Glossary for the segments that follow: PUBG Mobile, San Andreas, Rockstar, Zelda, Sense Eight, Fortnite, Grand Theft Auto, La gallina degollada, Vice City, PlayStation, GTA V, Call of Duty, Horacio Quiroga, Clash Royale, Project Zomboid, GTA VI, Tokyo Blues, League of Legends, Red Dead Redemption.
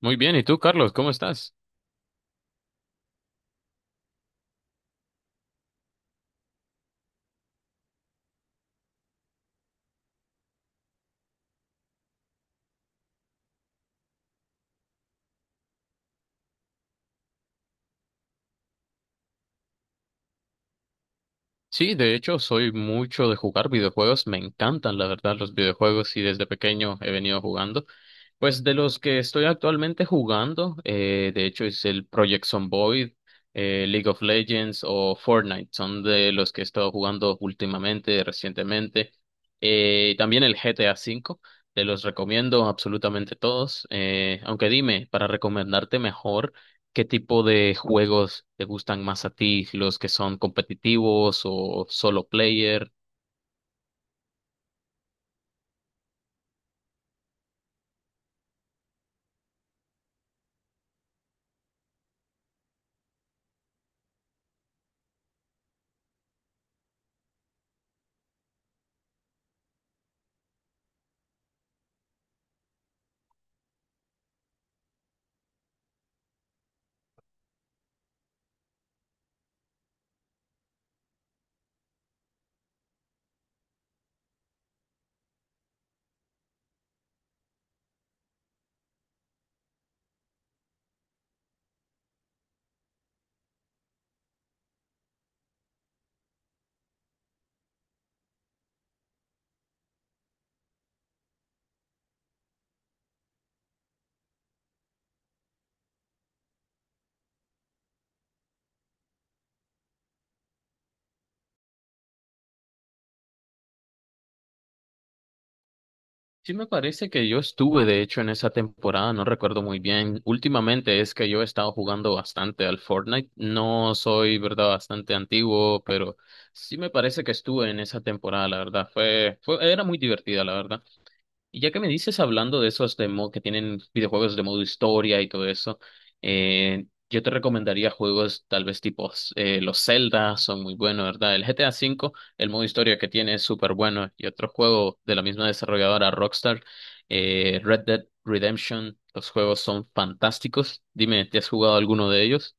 Muy bien, ¿y tú, Carlos, cómo estás? Sí, de hecho, soy mucho de jugar videojuegos, me encantan, la verdad, los videojuegos y desde pequeño he venido jugando. Pues de los que estoy actualmente jugando, de hecho es el Project Zomboid, League of Legends o Fortnite, son de los que he estado jugando últimamente, recientemente. También el GTA V, te los recomiendo absolutamente todos. Aunque dime, para recomendarte mejor. ¿Qué tipo de juegos te gustan más a ti? ¿Los que son competitivos o solo player? Sí, me parece que yo estuve, de hecho, en esa temporada, no recuerdo muy bien. Últimamente es que yo he estado jugando bastante al Fortnite. No soy, verdad, bastante antiguo, pero sí me parece que estuve en esa temporada, la verdad. Fue, era muy divertida, la verdad. Y ya que me dices hablando de esos que tienen videojuegos de modo historia y todo eso, yo te recomendaría juegos tal vez tipo los Zelda, son muy buenos, ¿verdad? El GTA V, el modo historia que tiene es súper bueno. Y otro juego de la misma desarrolladora Rockstar, Red Dead Redemption, los juegos son fantásticos. Dime, ¿te has jugado alguno de ellos?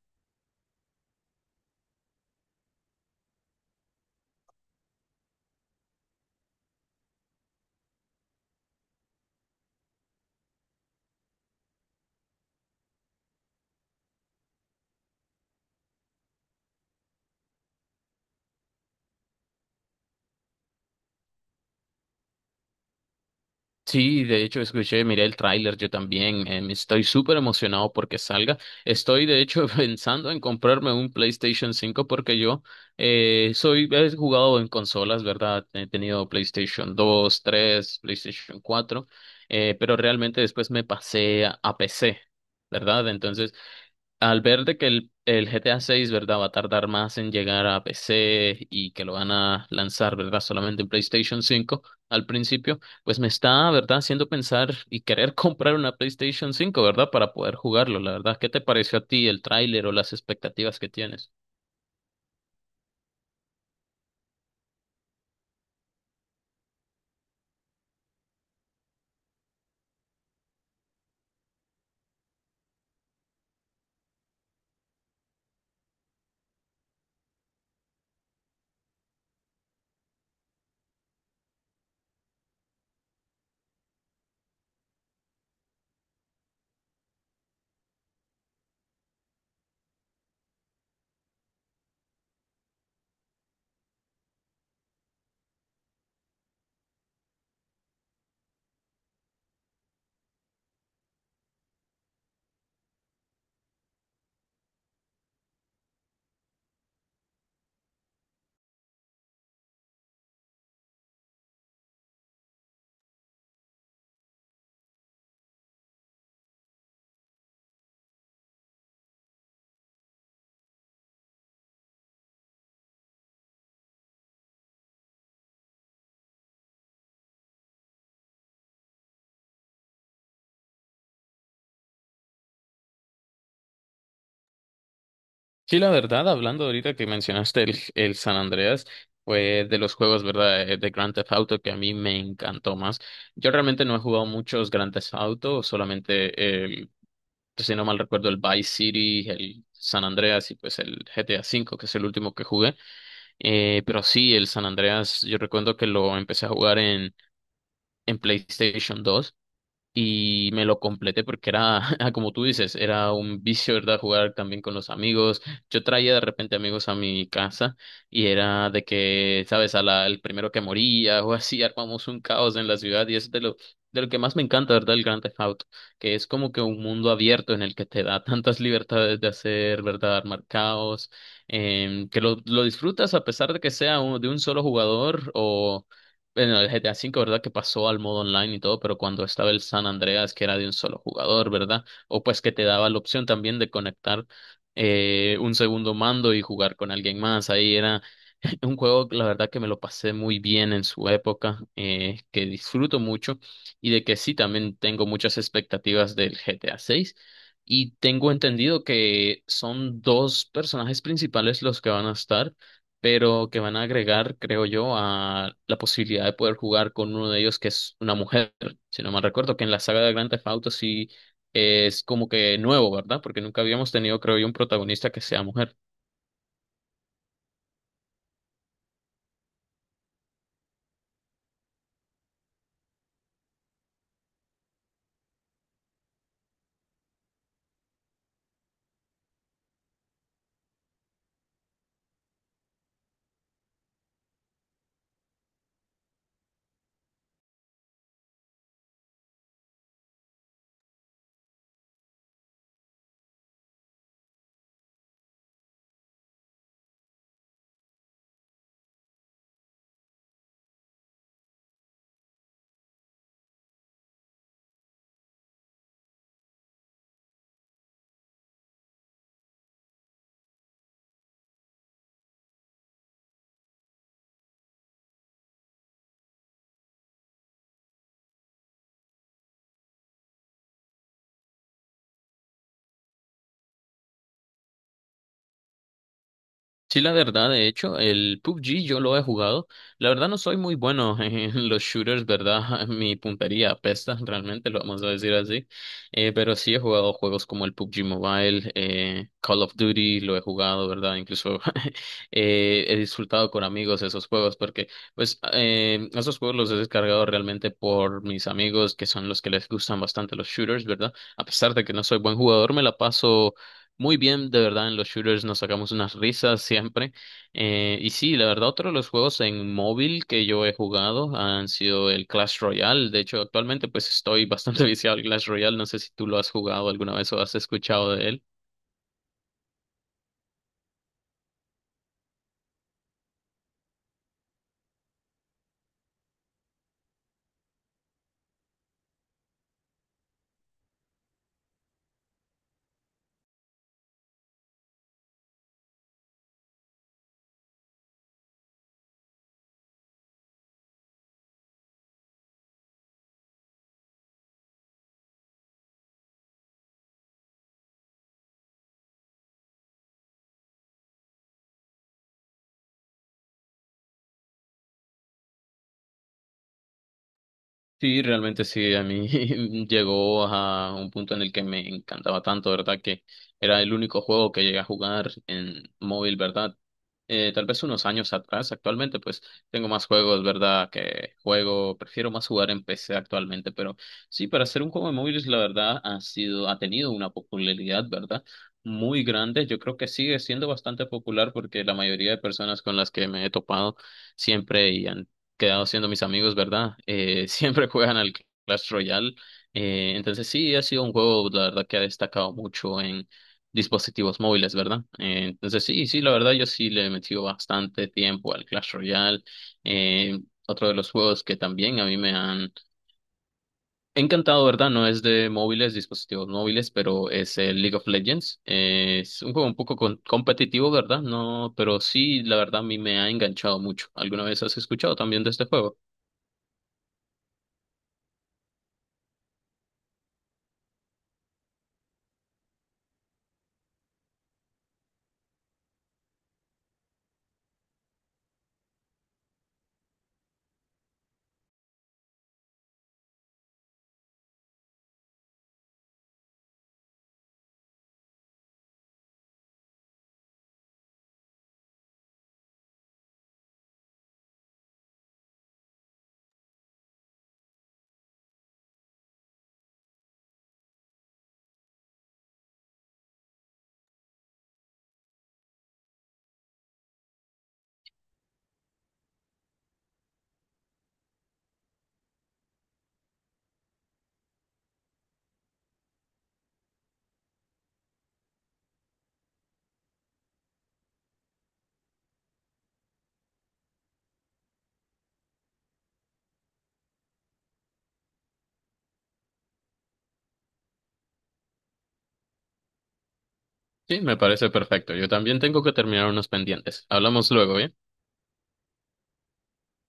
Sí, de hecho escuché, miré el tráiler yo también. Estoy súper emocionado porque salga. Estoy de hecho pensando en comprarme un PlayStation 5 porque yo he jugado en consolas, ¿verdad? He tenido PlayStation 2, 3, PlayStation 4, pero realmente después me pasé a, PC, ¿verdad? Entonces al ver de que el GTA 6, ¿verdad? Va a tardar más en llegar a PC y que lo van a lanzar, ¿verdad? Solamente en PlayStation 5 al principio, pues me está, ¿verdad? Haciendo pensar y querer comprar una PlayStation 5, ¿verdad? Para poder jugarlo, la verdad. ¿Qué te pareció a ti el tráiler o las expectativas que tienes? Sí, la verdad, hablando ahorita que mencionaste el San Andreas, fue de los juegos, ¿verdad? De Grand Theft Auto que a mí me encantó más. Yo realmente no he jugado muchos Grand Theft Auto, solamente el, si no mal recuerdo, el Vice City, el San Andreas y pues el GTA V, que es el último que jugué. Pero sí, el San Andreas, yo recuerdo que lo empecé a jugar en, PlayStation 2 y me lo completé porque era, como tú dices, era un vicio, ¿verdad? Jugar también con los amigos. Yo traía de repente amigos a mi casa y era de que, ¿sabes? El primero que moría o así, armamos un caos en la ciudad y eso es de lo, que más me encanta, ¿verdad? El Grand Theft Auto, que es como que un mundo abierto en el que te da tantas libertades de hacer, ¿verdad? Armar caos, que lo disfrutas a pesar de que sea de un solo jugador o bueno, el GTA V, ¿verdad? Que pasó al modo online y todo, pero cuando estaba el San Andreas, que era de un solo jugador, ¿verdad? O pues que te daba la opción también de conectar un segundo mando y jugar con alguien más. Ahí era un juego, la verdad, que me lo pasé muy bien en su época, que disfruto mucho y de que sí, también tengo muchas expectativas del GTA VI. Y tengo entendido que son dos personajes principales los que van a estar, pero que van a agregar, creo yo, a la posibilidad de poder jugar con uno de ellos que es una mujer. Si no mal recuerdo, que en la saga de Grand Theft Auto sí es como que nuevo, ¿verdad? Porque nunca habíamos tenido, creo yo, un protagonista que sea mujer. Sí, la verdad, de hecho, el PUBG yo lo he jugado. La verdad no soy muy bueno en los shooters, ¿verdad? Mi puntería apesta, realmente, lo vamos a decir así. Pero sí he jugado juegos como el PUBG Mobile, Call of Duty, lo he jugado, ¿verdad? Incluso he disfrutado con amigos esos juegos porque, pues, esos juegos los he descargado realmente por mis amigos, que son los que les gustan bastante los shooters, ¿verdad? A pesar de que no soy buen jugador, me la paso muy bien, de verdad, en los shooters nos sacamos unas risas siempre. Y sí, la verdad, otro de los juegos en móvil que yo he jugado han sido el Clash Royale. De hecho, actualmente pues estoy bastante viciado al Clash Royale. No sé si tú lo has jugado alguna vez o has escuchado de él. Sí, realmente sí, a mí llegó a un punto en el que me encantaba tanto, ¿verdad? Que era el único juego que llegué a jugar en móvil, ¿verdad? Tal vez unos años atrás, actualmente pues tengo más juegos, ¿verdad? Que juego, prefiero más jugar en PC actualmente, pero sí, para hacer un juego de móviles, la verdad, ha sido, ha tenido una popularidad, ¿verdad? Muy grande, yo creo que sigue siendo bastante popular porque la mayoría de personas con las que me he topado siempre y han quedado siendo mis amigos, ¿verdad? Siempre juegan al Clash Royale. Entonces sí, ha sido un juego, la verdad, que ha destacado mucho en dispositivos móviles, ¿verdad? Entonces sí, sí, la verdad, yo sí le he metido bastante tiempo al Clash Royale. Eh, Otro de los juegos que también a mí me han encantado, ¿verdad? No es de móviles, dispositivos móviles, pero es el League of Legends. Es un juego un poco competitivo, ¿verdad? No, pero sí, la verdad, a mí me ha enganchado mucho. ¿Alguna vez has escuchado también de este juego? Sí, me parece perfecto. Yo también tengo que terminar unos pendientes. Hablamos luego, ¿bien?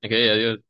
Ok, adiós.